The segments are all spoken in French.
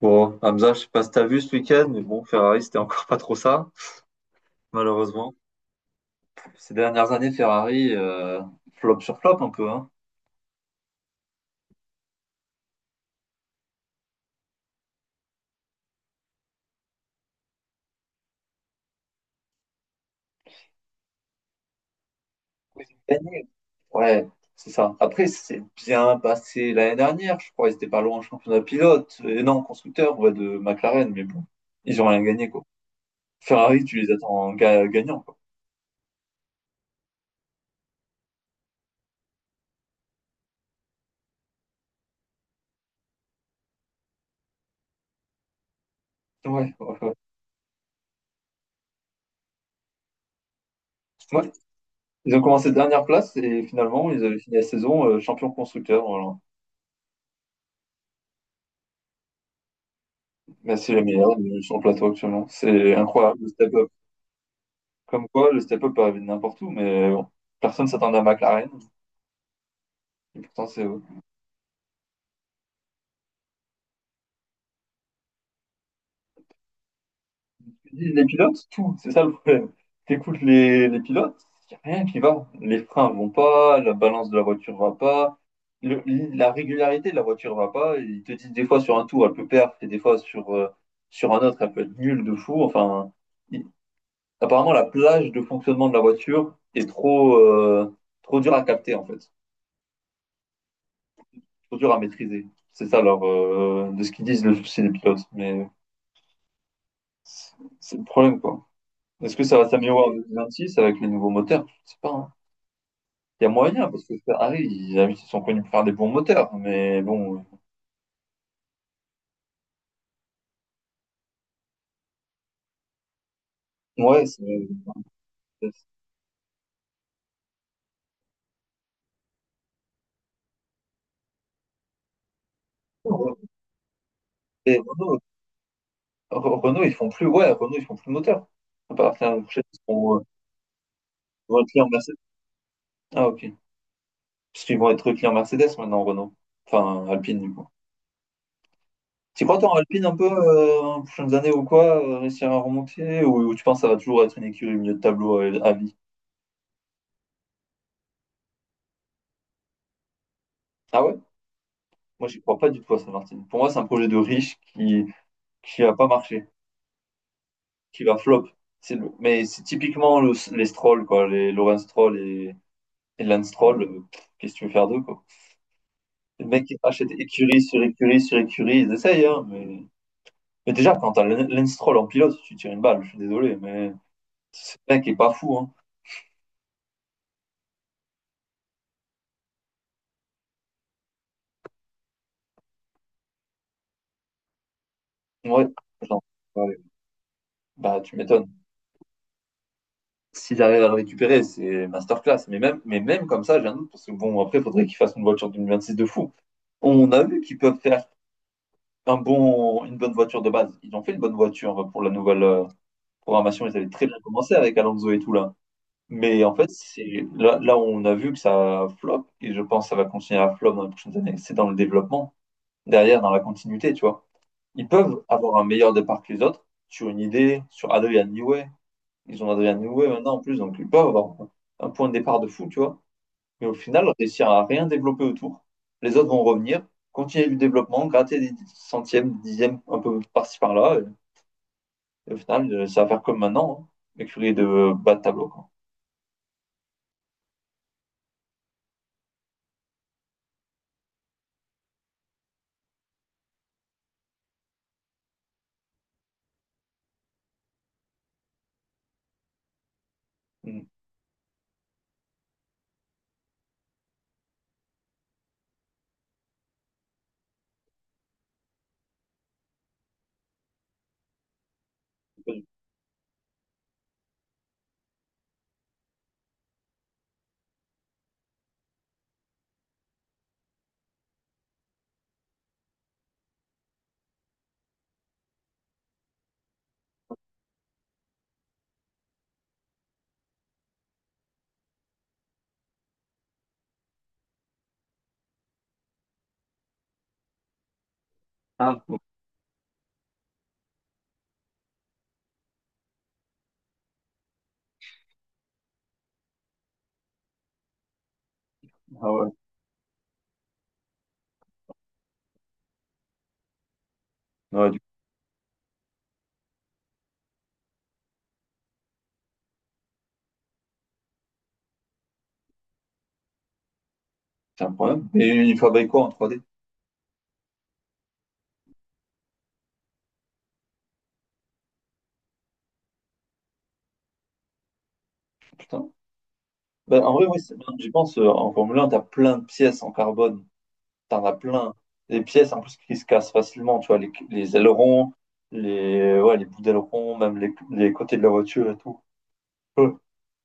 Bon, Hamza, je sais pas si t'as vu ce week-end, mais bon, Ferrari, c'était encore pas trop ça, malheureusement. Ces dernières années, Ferrari, flop sur flop un peu, hein. Oui, ils ont gagné. Ouais, c'est ça. Après, c'est bien passé l'année dernière, je crois, ils étaient pas loin en championnat pilote, et non, constructeur, ouais, de McLaren, mais bon, ils ont rien gagné, quoi. Ferrari, tu les attends gagnants, quoi. Ouais, ouais, ouais. Ouais, ils ont commencé dernière place, et finalement, ils avaient fini la saison champion constructeur, voilà. Mais c'est les meilleurs sur le plateau actuellement. C'est incroyable, le step. Comme quoi, le step-up peut arriver de n'importe où, mais bon, personne s'attendait à McLaren. Et pourtant, c'est eux. Les pilotes, tout, c'est ça le problème. T'écoutes les pilotes, il n'y a rien qui va. Les freins vont pas, la balance de la voiture va pas, le- la régularité de la voiture va pas. Ils te disent des fois sur un tour, elle peut perdre, et des fois sur, sur un autre, elle peut être nulle de fou. Enfin, il- apparemment, la plage de fonctionnement de la voiture est trop, trop dure à capter, en fait. Trop dur à maîtriser. C'est ça, alors, de ce qu'ils disent, le souci des pilotes. Mais c'est c'est le problème, quoi. Est-ce que ça va s'améliorer en 2026 avec les nouveaux moteurs? Je sais pas, hein. Il y a moyen, parce que Ferrari, ils sont connus pour faire des bons moteurs. Mais bon, ouais, c'est. c'est- Et Renault, Renault, ils font plus, ouais, Renault, ils font plus de moteurs. À partir l'année prochaine, ils seront, ils vont être clients Mercedes. Ah, ok. Parce qu'ils vont être clients Mercedes maintenant, Renault. Enfin, Alpine, du coup. Tu crois qu'en Alpine, un peu, les prochaines années ou quoi, réussir à remonter ou tu penses que ça va toujours être une écurie au milieu de tableau à, vie? Ah ouais? Moi, j'y crois pas du tout à Saint-Martin. Pour moi, c'est un projet de riche qui va pas marché, qui va flop. C'est mais c'est typiquement les Stroll, quoi, les Lawrence Stroll et Lance Stroll. Pff, qu'est-ce que tu veux faire d'eux, quoi? Les mecs qui achètent écurie sur écurie sur écurie, ils essayent, hein, mais déjà, quand t'as Lance Stroll en pilote, tu tires une balle, je suis désolé, mais ce mec est pas fou, hein. Ouais, j'en- ouais, bah, tu m'étonnes. S'ils arrivent à récupérer, c'est masterclass. Mais même comme ça, j'ai un doute, parce que bon, après, il faudrait qu'ils fassent une voiture 2026 de fou. On a vu qu'ils peuvent faire une bonne voiture de base. Ils ont fait une bonne voiture pour la nouvelle programmation. Ils avaient très bien commencé avec Alonso et tout là. Mais en fait, c'est là, là où on a vu que ça flop, et je pense que ça va continuer à flop dans les prochaines années, c'est dans le développement, derrière, dans la continuité, tu vois. Ils peuvent avoir un meilleur départ que les autres sur une idée, sur Adrian Newey, ils ont Adrien Noué maintenant en plus, donc ils peuvent avoir un point de départ de fou, tu vois. Mais au final, réussir à rien développer autour. Les autres vont revenir, continuer le développement, gratter des centièmes, des dixièmes, un peu par-ci par-là. Et au final, ça va faire comme maintenant, mais Mercury de bas de tableau, quoi. Mm. Ah, ouais. Ah ouais, ouais, du coup, c'est un problème. Et ils fabriquent quoi en 3D? Putain. Ben, en vrai, oui, bien, j'y pense, en Formule 1, t'as plein de pièces en carbone. T'en as plein. Les pièces, en plus, qui se cassent facilement, tu vois, les ailerons, les, ouais, les bouts d'ailerons, même les côtés de la voiture et tout. Euh,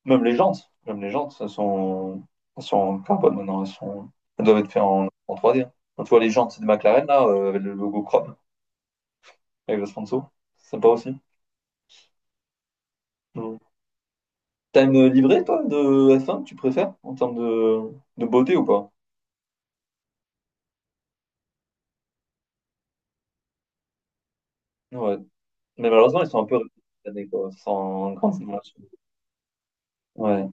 Même les jantes, elles sont, en carbone maintenant, elles doivent être faites en, en trois d, hein. Quand tu vois les jantes de McLaren, là, avec le logo Chrome, avec le sponsor, c'est sympa aussi. Mm. T'as une livrée, toi, de F1 que tu préfères, en termes de beauté ou pas? Ouais. Mais malheureusement, ils sont un peu réduits cette année, quoi, sans grande innovation. Ouais.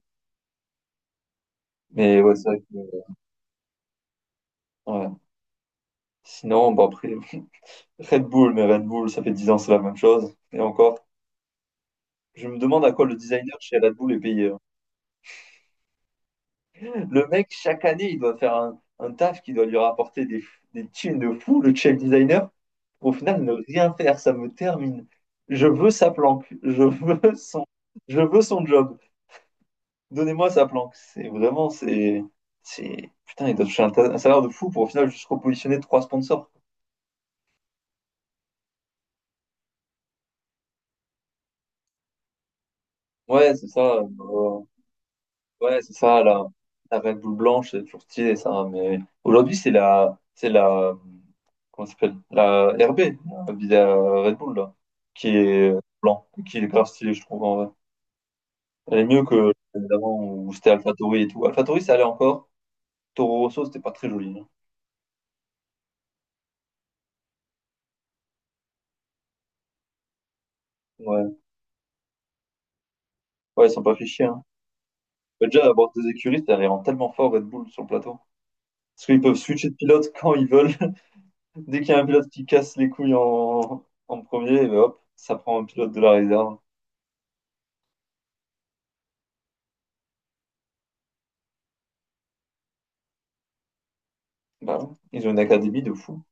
Mais ouais, c'est vrai que, ouais. Sinon, bon, après, Red Bull, mais Red Bull, ça fait 10 ans, c'est la même chose. Et encore, je me demande à quoi le designer chez Red Bull est payé, hein. Le mec, chaque année, il doit faire un taf qui doit lui rapporter des thunes de fou, le chef designer. Au final, ne rien faire, ça me termine. Je veux sa planque. Je veux son job. Donnez-moi sa planque. C'est vraiment, putain, il doit toucher un salaire de fou pour au final juste repositionner trois sponsors. Ouais, c'est ça, ouais, c'est ça, la Red Bull blanche, c'est toujours stylé, ça. Mais aujourd'hui, c'est la, comment ça s'appelle? La RB, la Red Bull, là, qui est blanc, qui est grave stylée, je trouve, en vrai. Elle est mieux que celle d'avant où c'était AlphaTauri et tout. AlphaTauri, ça allait encore. Toro Rosso, c'était pas très joli, hein. Ouais, ouais, ils sont pas fait chier, hein. Mais déjà, à bord des écuries, ça les rend tellement fort, Red Bull, sur le plateau. Parce qu'ils peuvent switcher de pilote quand ils veulent. Dès qu'il y a un pilote qui casse les couilles en, en premier, eh ben hop, ça prend un pilote de la réserve. Bah ouais. Ils ont une académie de fou.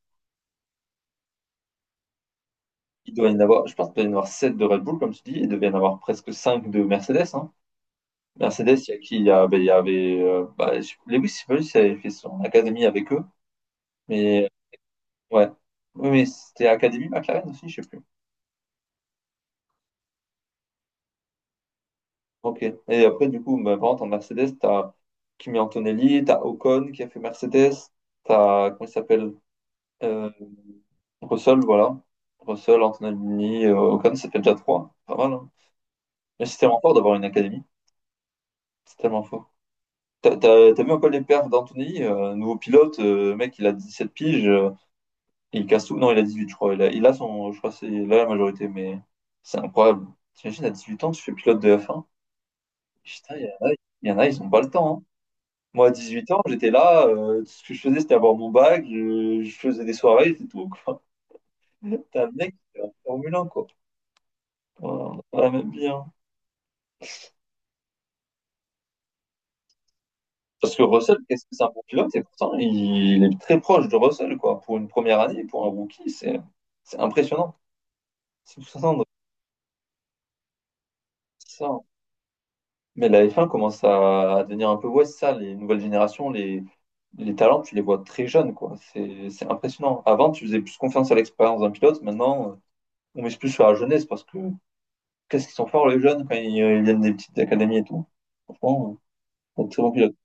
Il doit y en avoir, je pense qu'il doit y en avoir 7 de Red Bull, comme tu dis, et il doit y en avoir presque 5 de Mercedes, hein. Mercedes, il y a qui? Bah, il y avait bah, Lewis, je sais pas si il avait fait son académie avec eux, mais ouais. Oui, mais c'était Académie McLaren aussi, je sais plus. Ok. Et après, du coup, bah, par contre, en Mercedes, t'as Kimi Antonelli, t'as Ocon qui a fait Mercedes, t'as, comment il s'appelle? Euh, Russell, voilà. Russell, Antonelli, Ocon, ça fait déjà 3. Pas mal, hein. Mais c'était encore d'avoir une académie. C'est tellement faux. T'as vu un peu les perfs d'Anthony, nouveau pilote, le mec, il a 17 piges, il casse tout. Non, il a 18 je crois. Il a son, je crois, que c'est il a la majorité, mais c'est incroyable. T'imagines, à 18 ans, tu fais pilote de F1. Putain, il y en a, ils ont pas le temps, hein. Moi, à 18 ans, j'étais là, tout ce que je faisais, c'était avoir mon bac, je faisais des soirées, c'est tout, quoi. T'as un mec qui est en Formule 1, quoi. Voilà, on a pas la même vie, hein. Parce que Russell, qu'est-ce que c'est un bon pilote? Et pourtant, il est très proche de Russell, quoi. Pour une première année, pour un rookie, c'est impressionnant. C'est tout ça, c'est ça. Mais la F1 commence à devenir un peu, ouais, c'est ça, les nouvelles générations, les talents, tu les vois très jeunes, quoi. C'est impressionnant. Avant, tu faisais plus confiance à l'expérience d'un pilote. Maintenant, on mise plus sur la jeunesse parce que qu'est-ce qu'ils sont forts, les jeunes, quand ils viennent des petites académies et tout. Franchement, c'est un très bon pilote.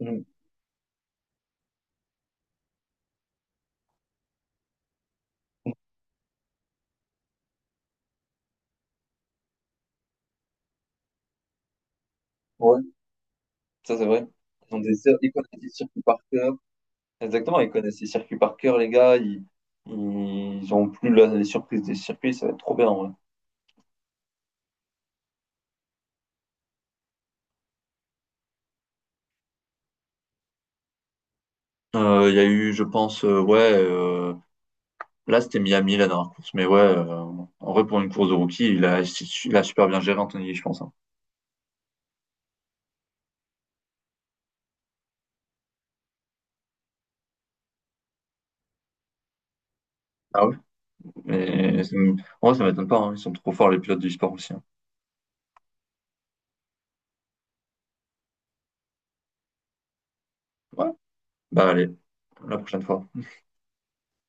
Mm. Ouais, ça, c'est vrai. Ils ont des, ils connaissent des circuits par cœur. Exactement, ils connaissent les circuits par cœur, les gars. Ils ont plus les surprises des circuits, ça va être trop bien, en vrai. Il y a eu, je pense, ouais, là c'était Miami la dernière course, mais ouais, en vrai pour une course de rookie, il a super bien géré Anthony, je pense, hein. Ah ouais? Mais en vrai, ça m'étonne pas, hein, ils sont trop forts les pilotes du sport aussi, hein. Ouais, bah allez, la prochaine fois.